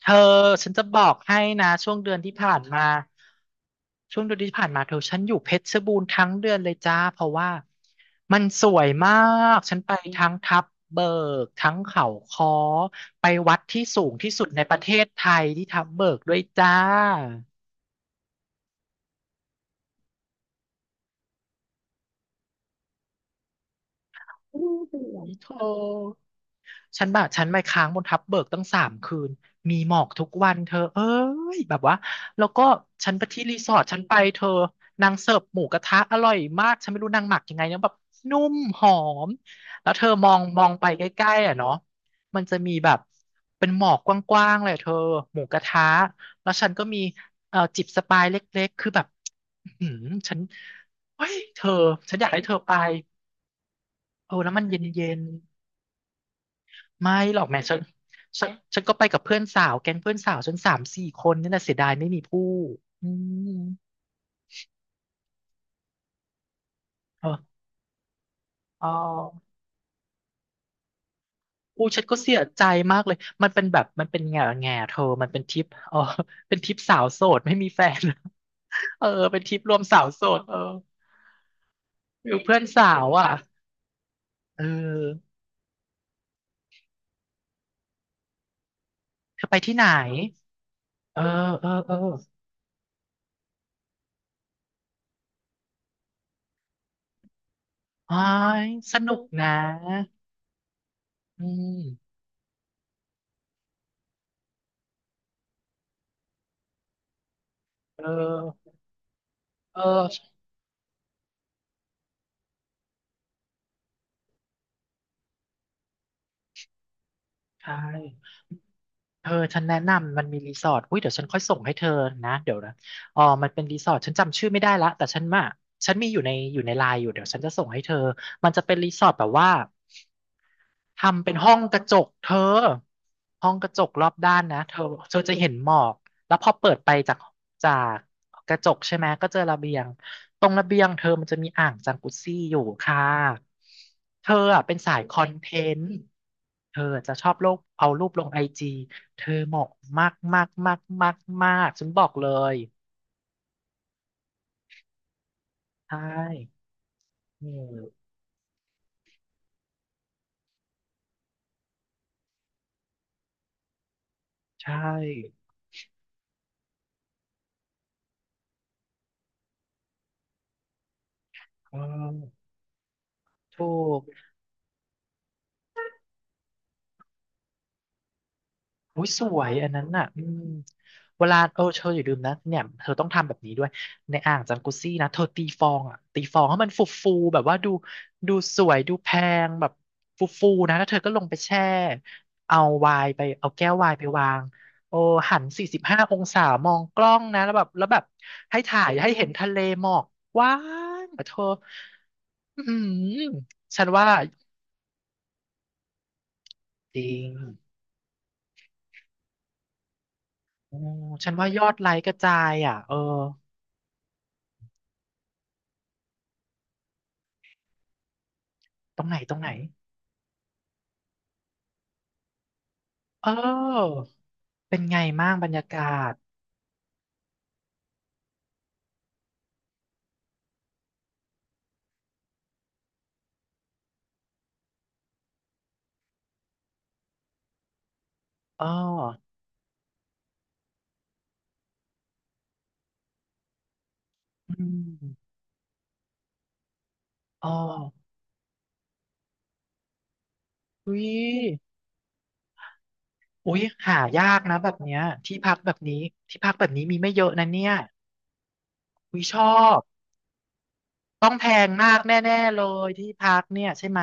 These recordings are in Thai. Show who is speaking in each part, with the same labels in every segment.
Speaker 1: เธอฉันจะบอกให้นะช่วงเดือนที่ผ่านมาช่วงเดือนที่ผ่านมาเธอฉันอยู่เพชรบูรณ์ทั้งเดือนเลยจ้าเพราะว่ามันสวยมากฉันไปทั้งทับเบิกทั้งเขาค้อไปวัดที่สูงที่สุดในประเทศไทยที่ทับเบิกด้วยจ้าอืมยเธอ ฉันแบบฉันไปค้างบนทับเบิกตั้ง3 คืนมีหมอกทุกวันเธอเอ้ยแบบว่าแล้วก็ฉันไปที่รีสอร์ทฉันไปเธอนางเสิร์ฟหมูกระทะอร่อยมากฉันไม่รู้นางหมักยังไงนะแบบนุ่มหอมแล้วเธอมองไปใกล้ๆอ่ะเนาะมันจะมีแบบเป็นหมอกกว้างๆเลยเธอหมูกระทะแล้วฉันก็มีจิบสปายเล็กๆคือแบบอื้อหือฉันเฮ้ยเธอฉันอยากให้เธอไปเออแล้วมันเย็นเย็น ไม่หรอกแม่ฉันฉันก็ไปกับเพื่อนสาวแก๊งเพื่อนสาวฉัน3-4 คนนี่แหละเสียดายไม่มีผู้อืมเอออ๋ออู้ฉันก็เสียใจมากเลยมันเป็นแบบมันเป็นแง่เธอมันเป็นทริปเออเป็นทริปสาวโสดไม่มีแฟนเออเป็นทริปรวมสาวโสดเออฟิลเพื่อนสาวอ่ะเออเธอไปที่ไหนเออเออเอออ๋อสนุกนะอืมเออเออใช่ เธอฉันแนะนำมันมีรีสอร์ทอุ้ยเดี๋ยวฉันค่อยส่งให้เธอนะเดี๋ยวนะอ๋อมันเป็นรีสอร์ทฉันจำชื่อไม่ได้ละแต่ฉันมาฉันมีอยู่ในอยู่ในไลน์อยู่เดี๋ยวฉันจะส่งให้เธอมันจะเป็นรีสอร์ทแบบว่า ทำเป็นห้องกระจกเธอห้องกระจกรอบด้านนะเธอเธอจะเห็นหมอกแล้วพอเปิดไปจากกระจกใช่ไหมก็เจอระเบียงตรงระเบียงเธอมันจะมีอ่างจังกุซี่อยู่ค่ะเธออ่ะเป็นสายคอนเทนต์เธอจะชอบลงเอารูปลงไอจีเธอเหมาะมากมากมากมากมากฉันบอกเลยใช่อืมใช่เออถูก อุ้ยสวยอันนั้นน่ะอืมเวลาเออเธออย่าลืมนะเนี่ยเธอต้องทำแบบนี้ด้วยในอ่างจังกุซี่นะเธอตีฟองอ่ะตีฟองให้มันฟูฟูแบบว่าดูสวยดูแพงแบบฟูฟูนะแล้วเธอก็ลงไปแช่เอาไวน์ไปเอาแก้วไวน์ไปวางโอ้หัน45 องศามองกล้องนะแล้วแบบให้ถ่ายให้เห็นทะเลหมอกกว้างอะเธออืมฉันว่าจริงโอ้ฉันว่ายอดไลค์กระจายอ่ะเออตรงไหนตรงไหน เออเป็นไงบ้างบรรยากาศอ๋ออืมอ๋ออุ้ยอุ้ยหายากนะแบบเนี้ยที่พักแบบนี้ที่พักแบบนี้มีไม่เยอะนะเนี่ยอุ้ยชอบ ต้องแพงมากแน่ๆเลยที่พักเนี่ยใช่ไหม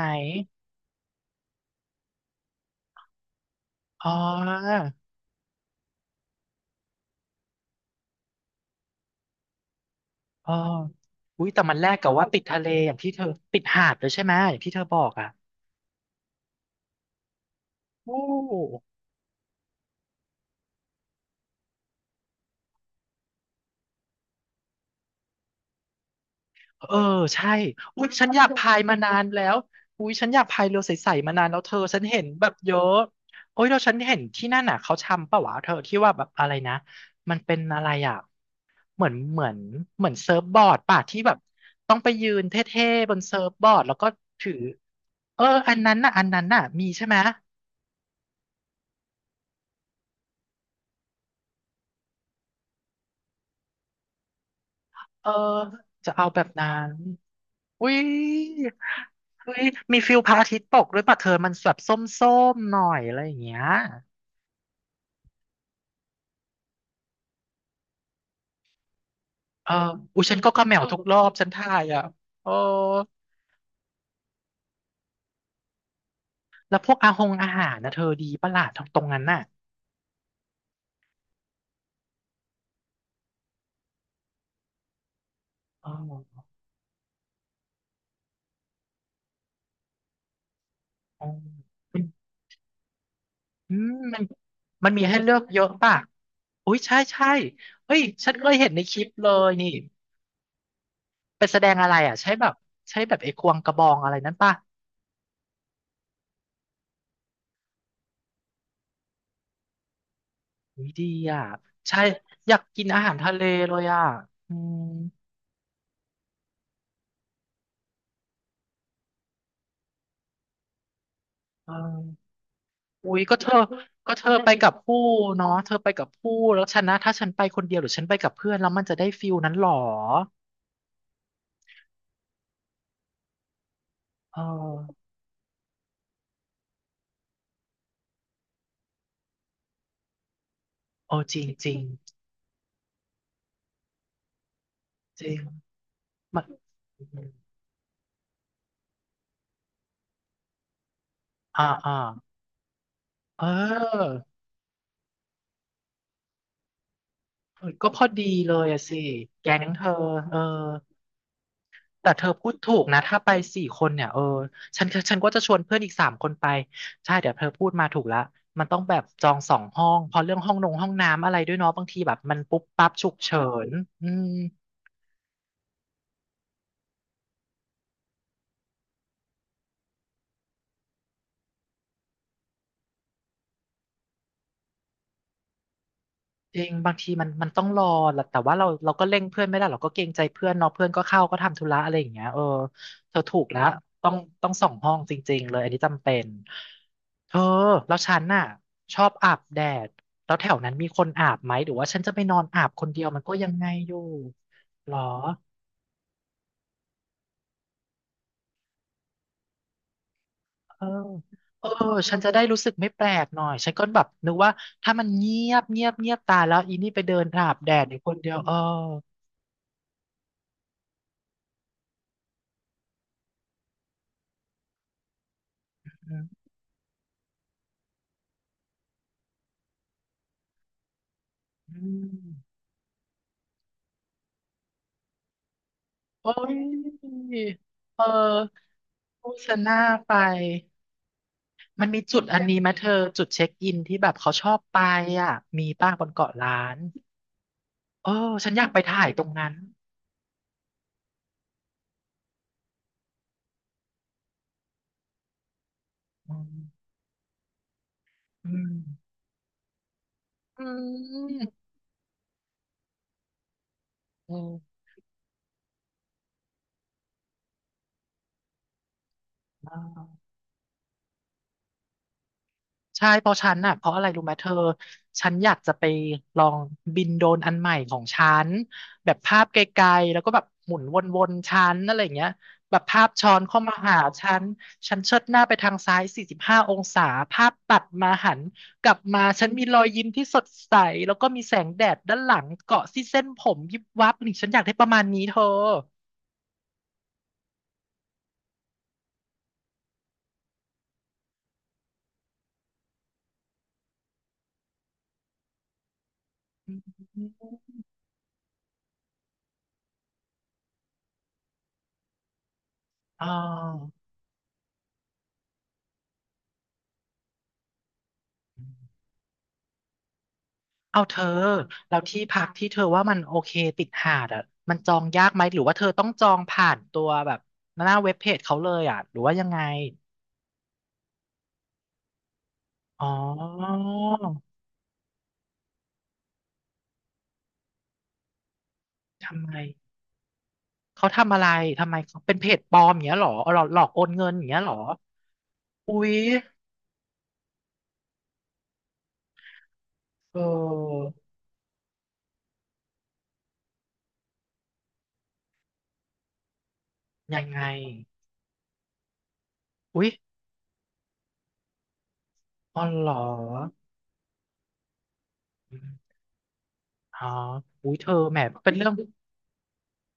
Speaker 1: อ๋ออ๋ออุ้ยแต่มันแลกกับว่าติดทะเลอย่างที่เธอติดหาดเลยใช่ไหมอย่างที่เธอบอกอ่ะโอ้ เออใช่อุ๊ยฉันอยากพายมานานแล้วอุ๊ยฉันอยากพายเรือใสๆมานานแล้วเธอฉันเห็นแบบเยอะโอ้ยแล้วฉันเห็นที่นั่นน่ะเขาทำปะวะเธอที่ว่าแบบอะไรนะมันเป็นอะไรอ่ะเหมือนเหมือนเหมือนเซิร์ฟบอร์ดป่ะที่แบบต้องไปยืนเท่ๆบนเซิร์ฟบอร์ดแล้วก็ถือเอออันนั้นน่ะอันนั้นน่ะมีใช่ไหมเออจะเอาแบบนั้นอุ๊ยอุ๊ยมีฟิลพระอาทิตย์ตกด้วยป่ะเธอมันแบบส้มๆหน่อยอะไรอย่างเงี้ย เอออุยฉันก็กระแมวทุกรอบฉันถ่ายอ่ะเออแล้วพวกอาหงอาหารนะเธอดีปะล่ะทางตรงนั้นน่ะเออเออมันอืมมันมันมีให้เลือกเยอะป่ะอุ้ยใช่ใช่เฮ้ยฉันเคยเห็นในคลิปเลยนี่ไปแสดงอะไรอ่ะใช่แบบใช่แบบไอ้ควงกระบองอะไรนั้นป่ะอุ้ยดีอ่ะใช่อยากกินอาหารทะเลเลยอ่ะอืมเออ อุ๊ยก็เธอก็เธอไปกับผู้เนาะเธอไปกับผู้แล้วฉันนะถ้าฉันไปคนเดียวหรือฉันไปกับเพื่อนแล้วมันจะได้ฟิลนั้นหรอเออโอ้จริงจริงจริงมันอ่าอ่าเออเออก็พอดีเลยอะสิแก๊งเธอเออแต่เธอพูดถูกนะถ้าไป4 คนเนี่ยเออฉันก็จะชวนเพื่อนอีก3 คนไปใช่เดี๋ยวเธอพูดมาถูกละมันต้องแบบจอง2 ห้องเพราะเรื่องห้องนงห้องน้ำอะไรด้วยเนาะบางทีแบบมันปุ๊บปั๊บฉุกเฉินอืม จริงบางทีมันต้องรอแหละแต่ว่าเราก็เร่งเพื่อนไม่ได้เราก็เกรงใจเพื่อนเนาะเพื่อนก็เข้าก็ทำธุระอะไรอย่างเงี้ยเออเธอถูกแล้วต้องต้องส่องห้องจริงๆเลยอันนี้จำเป็นเธอแล้วฉันน่ะชอบอาบแดดแล้วแถวนั้นมีคนอาบไหมหรือว่าฉันจะไปนอนอาบคนเดียวมันก็ยังไงอยู่หรอเออเออฉันจะได้รู้สึกไม่แปลกหน่อยฉันก็แบบนึกว่าถ้ามันเงียบตายแล้วอีนี่ไปเดินอาบแดดอยู่คนเดียวเอออืม โอ้ยเออโฆษณาไป มันมีจุดอันนี้ไหมเธอจุดเช็คอินที่แบบเขาชอบไปอ่ะมีป้าบนเกาะล้านเออฉันอยากไปถ่ายตรงนั้นอืมอืมอืมเออ ใช่เพราะฉันน่ะเพราะอะไรรู้ไหมเธอฉันอยากจะไปลองบินโดรนอันใหม่ของฉันแบบภาพไกลๆแล้วก็แบบหมุนวนๆฉันอะไรอย่างเงี้ยแบบภาพช้อนเข้ามาหาฉันฉันเชิดหน้าไปทางซ้าย45องศาภาพตัดมาหันกลับมาฉันมีรอยยิ้มที่สดใสแล้วก็มีแสงแดดด้านหลังเกาะที่เส้นผมยิบวับนี่ฉันอยากได้ประมาณนี้เธออ๋อ เอาเธอแล้วที่พักที่เธอว่ามันโอเคติดหาดอ่ะมันจองยากไหมหรือว่าเธอต้องจองผ่านตัวแบบหน้าเว็บเพจเขาเลยอ่ะหรือว่ายังไงอ๋อทำไมเขาทำอะไรทำไมเขาเป็นเพจปลอมอย่างเงี้ยเหรอหลอกโอนเงินอย่างเงี้ยเหรออุ๊ยเออยังไงอุ๊ยอ๋อเหรออมอ๋ออุ๊ยเธอแหมเป็นเรื่อง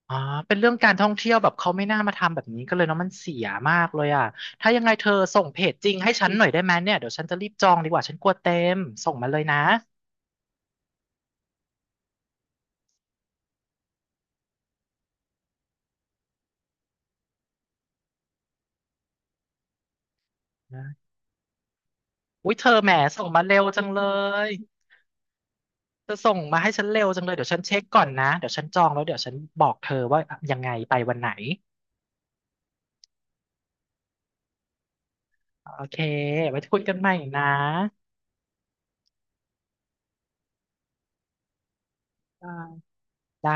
Speaker 1: อ๋อเป็นเรื่องการท่องเที่ยวแบบเขาไม่น่ามาทำแบบนี้ก็เลยเนาะมันเสียมากเลยอ่ะถ้ายังไงเธอส่งเพจจริงให้ฉันหน่อยได้ไหมเนี่ยเดี๋ยวฉันจะรีบจองดีกว่าฉันกลัวเต็มส่งมาเลยนะนะอุ้ยเธอแหมส่งมาเร็วจังเลยเธอส่งมาให้ฉันเร็วจังเลยเดี๋ยวฉันเช็คก่อนนะเดี๋ยวฉันจองแล้วเดี๋ยวฉันบอกเธอว่ายังไงไปวันไหนโอเคไว้คุยกันใหม่นะได้ได้